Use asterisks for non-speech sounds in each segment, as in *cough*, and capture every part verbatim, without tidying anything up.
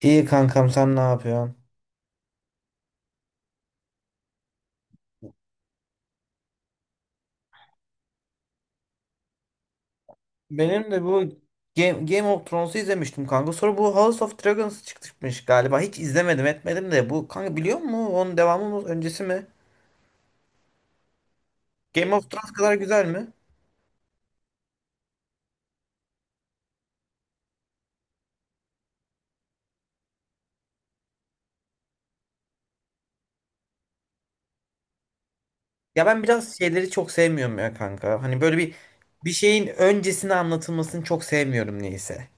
İyi kankam, sen ne yapıyorsun? Benim de bu Game, Game of Thrones'u izlemiştim kanka. Sonra bu House of Dragons çıkmış galiba. Hiç izlemedim etmedim de, bu kanka biliyor musun? Onun devamı mı, öncesi mi? Game of Thrones kadar güzel mi? Ya ben biraz şeyleri çok sevmiyorum ya kanka. Hani böyle bir bir şeyin öncesini anlatılmasını çok sevmiyorum, neyse.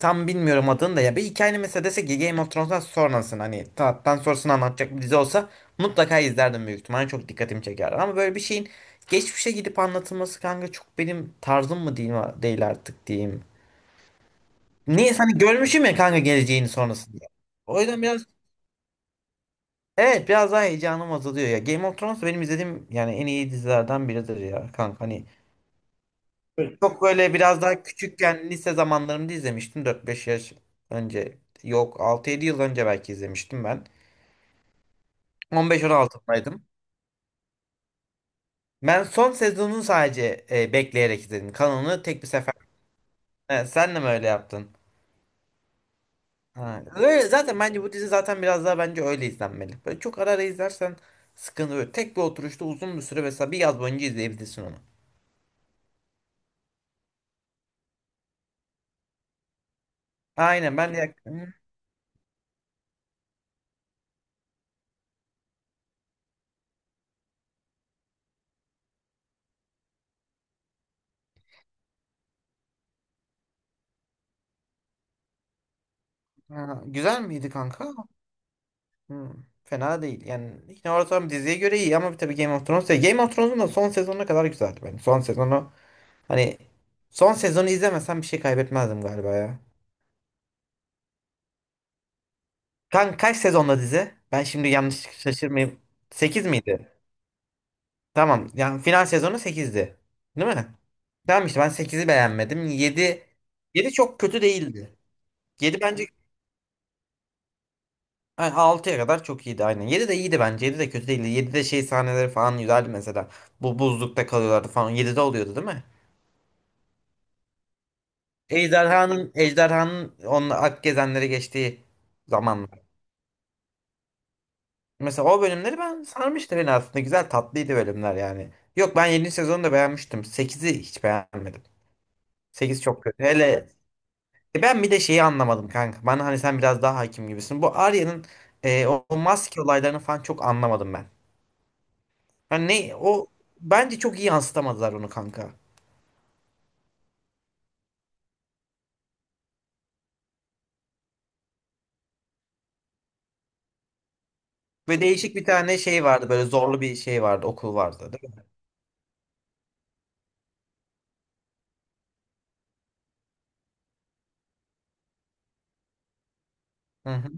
Tam bilmiyorum adını da ya. Bir hikayenin mesela, desek ki Game of Thrones'tan sonrasını, hani tahttan sonrasını anlatacak bir dizi olsa mutlaka izlerdim büyük ihtimalle. Çok dikkatimi çekerdi. Ama böyle bir şeyin geçmişe gidip anlatılması kanka çok benim tarzım mı değil, değil artık diyeyim. Niye, hani görmüşüm ya kanka geleceğini sonrasında. O yüzden biraz, evet, biraz daha heyecanım azalıyor ya. Game of Thrones benim izlediğim yani en iyi dizilerden biridir ya kanka. Hani çok böyle biraz daha küçükken, lise zamanlarımda izlemiştim. Dört beş yaş önce. Yok, altı yedi yıl önce belki izlemiştim ben. On beş on altıdaydım. Ben son sezonunu sadece e, bekleyerek izledim. Kanalını tek bir sefer. He, sen de mi öyle yaptın? Ha. Öyle, zaten bence bu dizi zaten biraz daha bence öyle izlenmeli. Böyle çok ara ara izlersen sıkıntı böyle. Tek bir oturuşta uzun bir süre, mesela bir yaz boyunca izleyebilirsin onu. Aynen ben de. Hı, ha, güzel miydi kanka? Hmm, fena değil. Yani yine ortam diziye göre iyi ama tabii Game of Thrones. Game of Thrones'un da son sezonuna kadar güzeldi benim. Son sezonu, hani son sezonu izlemesem bir şey kaybetmezdim galiba ya. Kan kaç sezonda dizi? Ben şimdi yanlış şaşırmayayım. Sekiz miydi? Tamam. Yani final sezonu sekizdi, değil mi? Tamam işte, ben sekizi beğenmedim. Yedi, yedi çok kötü değildi. Yedi bence, yani altıya kadar çok iyiydi aynen. yedi de iyiydi bence. yedi de kötü değildi. yedide şey sahneleri falan güzeldi mesela. Bu buzlukta kalıyorlardı falan. yedide oluyordu değil mi? Ejderhanın, Ejderhanın onun ak gezenleri geçtiği zamanlar. Mesela o bölümleri, ben sarmıştı beni aslında. Güzel, tatlıydı bölümler yani. Yok, ben yedinci sezonu da beğenmiştim. sekizi hiç beğenmedim. sekiz çok kötü. Hele, E ben bir de şeyi anlamadım kanka. Bana hani sen biraz daha hakim gibisin. Bu Arya'nın e, o o maske olaylarını falan çok anlamadım ben. Yani ne o, bence çok iyi yansıtamadılar onu kanka. Ve değişik bir tane şey vardı, böyle zorlu bir şey vardı, okul vardı değil mi? Hı hı.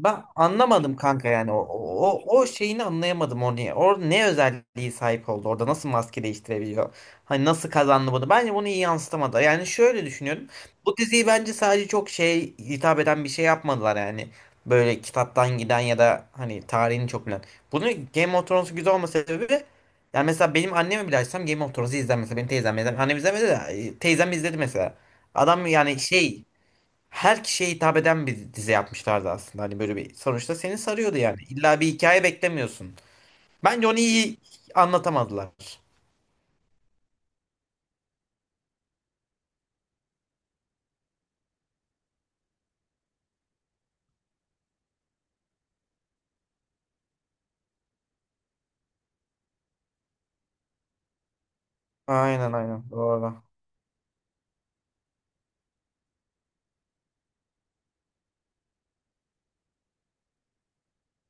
Ben anlamadım kanka, yani o o, o şeyini anlayamadım, o niye. O ne özelliği sahip oldu orada, nasıl maske değiştirebiliyor? Hani nasıl kazandı bunu? Bence bunu iyi yansıtamadı. Yani şöyle düşünüyorum. Bu diziyi bence sadece çok şey hitap eden bir şey yapmadılar yani. Böyle kitaptan giden ya da hani tarihini çok bilen. Bunu Game of Thrones güzel olma sebebi, yani mesela benim annemi bile açsam Game of Thrones'u izler, mesela benim teyzem izler. Annem izlemedi de, e, teyzem izledi mesela. Adam yani şey, her kişiye hitap eden bir dizi yapmışlardı aslında. Hani böyle bir sonuçta seni sarıyordu yani. İlla bir hikaye beklemiyorsun. Bence onu iyi anlatamadılar. Aynen aynen doğru.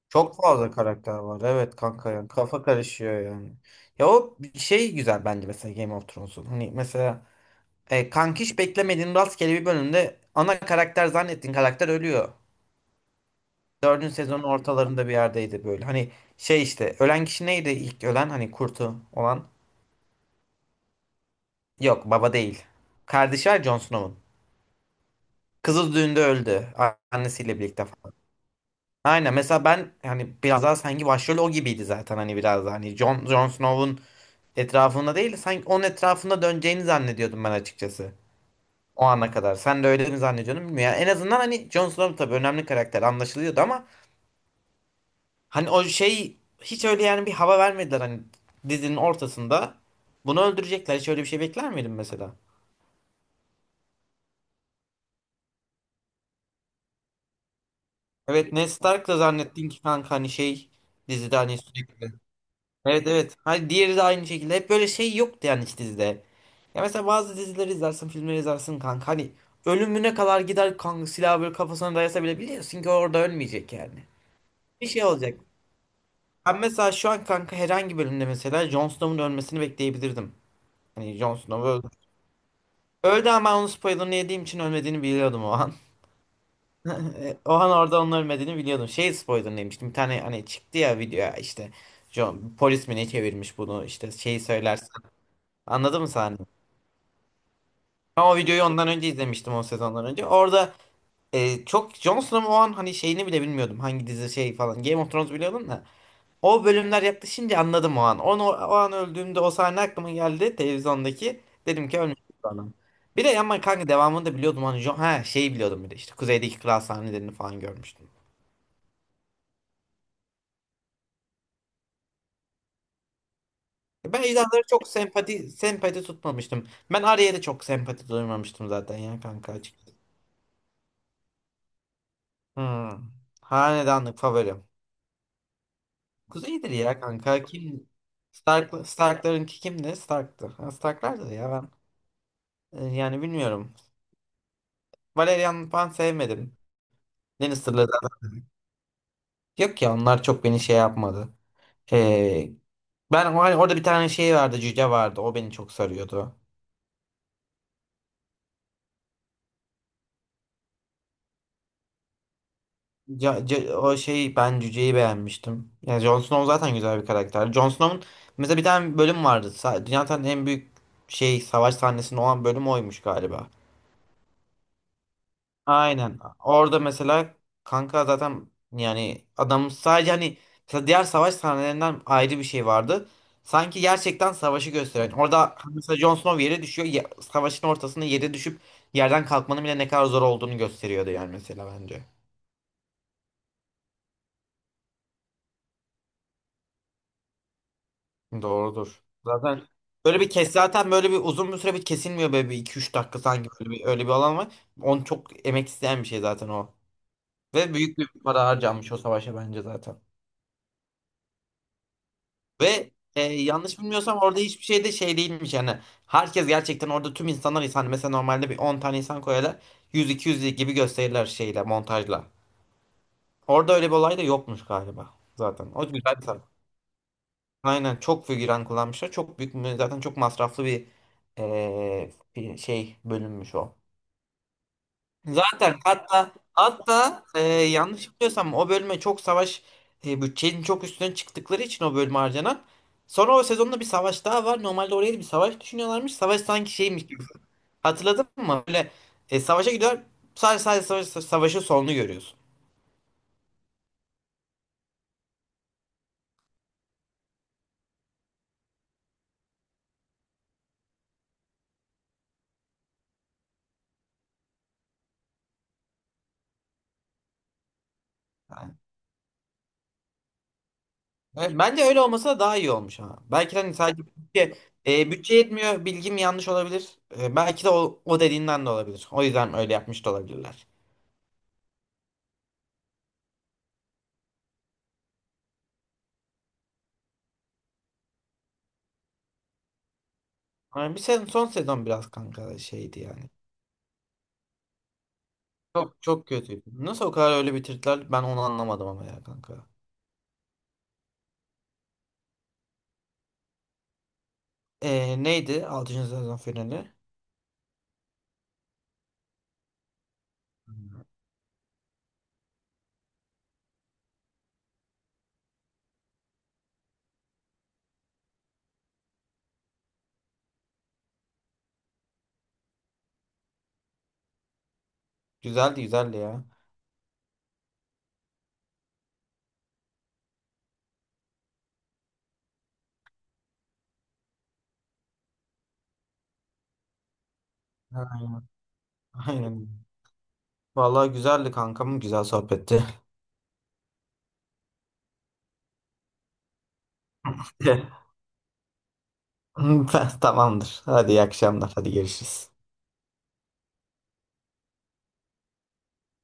Çok fazla karakter var. Evet kanka, yani kafa karışıyor yani. Ya o bir şey güzel bence mesela Game of Thrones'un. Hani mesela, e, kankiş beklemediğin rastgele bir bölümde ana karakter zannettiğin karakter ölüyor. Dördüncü sezonun ortalarında bir yerdeydi böyle. Hani şey, işte ölen kişi neydi ilk ölen, hani kurtu olan? Yok, baba değil. Kardeşi var Jon Snow'un. Kızı düğünde öldü. a- Annesiyle birlikte falan. Aynen, mesela ben hani biraz daha sanki başrol o gibiydi zaten, hani biraz daha hani Jon, Jon Snow'un etrafında değil sanki onun etrafında döneceğini zannediyordum ben açıkçası. O ana kadar. Sen de öyle mi zannediyordun bilmiyorum. Yani en azından hani Jon Snow tabii önemli karakter anlaşılıyordu ama hani o şey hiç öyle yani bir hava vermediler hani dizinin ortasında. Bunu öldürecekler. Hiç öyle bir şey bekler miydin mesela? Evet, Ned Stark da zannettin ki kanka hani şey dizide hani sürekli. Evet evet. Hani diğeri de aynı şekilde. Hep böyle şey yoktu yani, hiç dizide. Ya mesela bazı dizileri izlersin, filmleri izlersin kanka. Hani ölümüne kadar gider kanka, silahı böyle kafasına dayasa bile biliyorsun ki orada ölmeyecek yani. Bir şey olacak. Ben mesela şu an kanka herhangi bölümde mesela Jon Snow'un ölmesini bekleyebilirdim. Hani Jon Snow öldü. Öldü ama ben onun spoilerını yediğim için ölmediğini biliyordum o an. *laughs* O an orada onun ölmediğini biliyordum. Şey spoiler demiştim. Bir tane hani çıktı ya video işte. John, polis mi ne çevirmiş bunu, işte şeyi söylersen. Anladın mı sahne? Ben o videoyu ondan önce izlemiştim, o sezondan önce. Orada e, çok Jon Snow'un o an hani şeyini bile bilmiyordum. Hangi dizi şey falan. Game of Thrones biliyordum da. O bölümler yaklaşınca anladım o an. Onu, o an öldüğümde o sahne aklıma geldi televizyondaki. Dedim ki ölmüş bu adam. Bir de ama kanka devamını da biliyordum. Hani Jon, ha şeyi biliyordum bir de, işte kuzeydeki kral sahnelerini falan görmüştüm. Ben ejderhalara çok sempati sempati tutmamıştım. Ben Arya'ya da çok sempati duymamıştım zaten ya kanka açıkçası. Hmm. Hanedanlık favorim. Kuzey'dir ya kanka. Kim? Stark, Stark'larınki kimdi? Stark'tı. Ha, Stark'lardı ya ben. e, Yani bilmiyorum. Valerian falan sevmedim. Lannister'ları zaten. Yok ya, onlar çok beni şey yapmadı. Ee, ben hani orada bir tane şey vardı. Cüce vardı. O beni çok sarıyordu. Ca- ca- o şey, ben Cüce'yi beğenmiştim. Yani Jon Snow zaten güzel bir karakter. Jon Snow'un mesela bir tane bölüm vardı. Sa- Dünyanın en büyük şey savaş sahnesinde olan bölüm oymuş galiba. Aynen. Orada mesela kanka zaten yani adam sadece hani mesela diğer savaş sahnelerinden ayrı bir şey vardı. Sanki gerçekten savaşı gösteren. Orada mesela Jon Snow yere düşüyor. ya- savaşın ortasında yere düşüp yerden kalkmanın bile ne kadar zor olduğunu gösteriyordu yani mesela bence. Doğrudur. Zaten böyle bir kes, zaten böyle bir uzun bir süre bir kesilmiyor, böyle bir iki üç dakika sanki böyle bir, öyle bir alan var. Onu çok emek isteyen bir şey zaten o. Ve büyük bir para harcanmış o savaşa bence zaten. Ve e, yanlış bilmiyorsam orada hiçbir şey de şey değilmiş yani. Herkes gerçekten orada tüm insanlar insan. Mesela normalde bir on tane insan koyarlar. yüz iki yüz gibi gösterirler şeyle montajla. Orada öyle bir olay da yokmuş galiba zaten. O güzel bir. Aynen çok figüran kullanmışlar. Çok büyük mü- zaten çok masraflı bir eee, bir şey bölünmüş o. Zaten hatta hatta eee, yanlış biliyorsam o bölüme çok savaş e, bütçenin çok üstüne çıktıkları için o bölüme harcanan. Sonra o sezonda bir savaş daha var. Normalde oraya bir savaş düşünüyorlarmış. Savaş sanki şeymiş gibi. Hatırladın mı? Böyle e, savaşa gidiyor. Sadece sadece savaş, savaşın sonunu görüyorsun. Evet, bence öyle olmasa da daha iyi olmuş ha. Belki de hani sadece bütçe, e, bütçe yetmiyor, bilgim yanlış olabilir. E, belki de o, o dediğinden de olabilir. O yüzden öyle yapmış da olabilirler. Ama bir sezon, son sezon biraz kanka şeydi yani. Çok çok kötüydü. Nasıl o kadar öyle bitirdiler, ben onu anlamadım ama ya kanka. E, neydi altıncı sezon finali? Hmm. Güzeldi güzeldi ya. *laughs* Ha, aynen. Vallahi güzeldi kankam. Güzel sohbetti. *laughs* Tamamdır. Hadi iyi akşamlar. Hadi görüşürüz.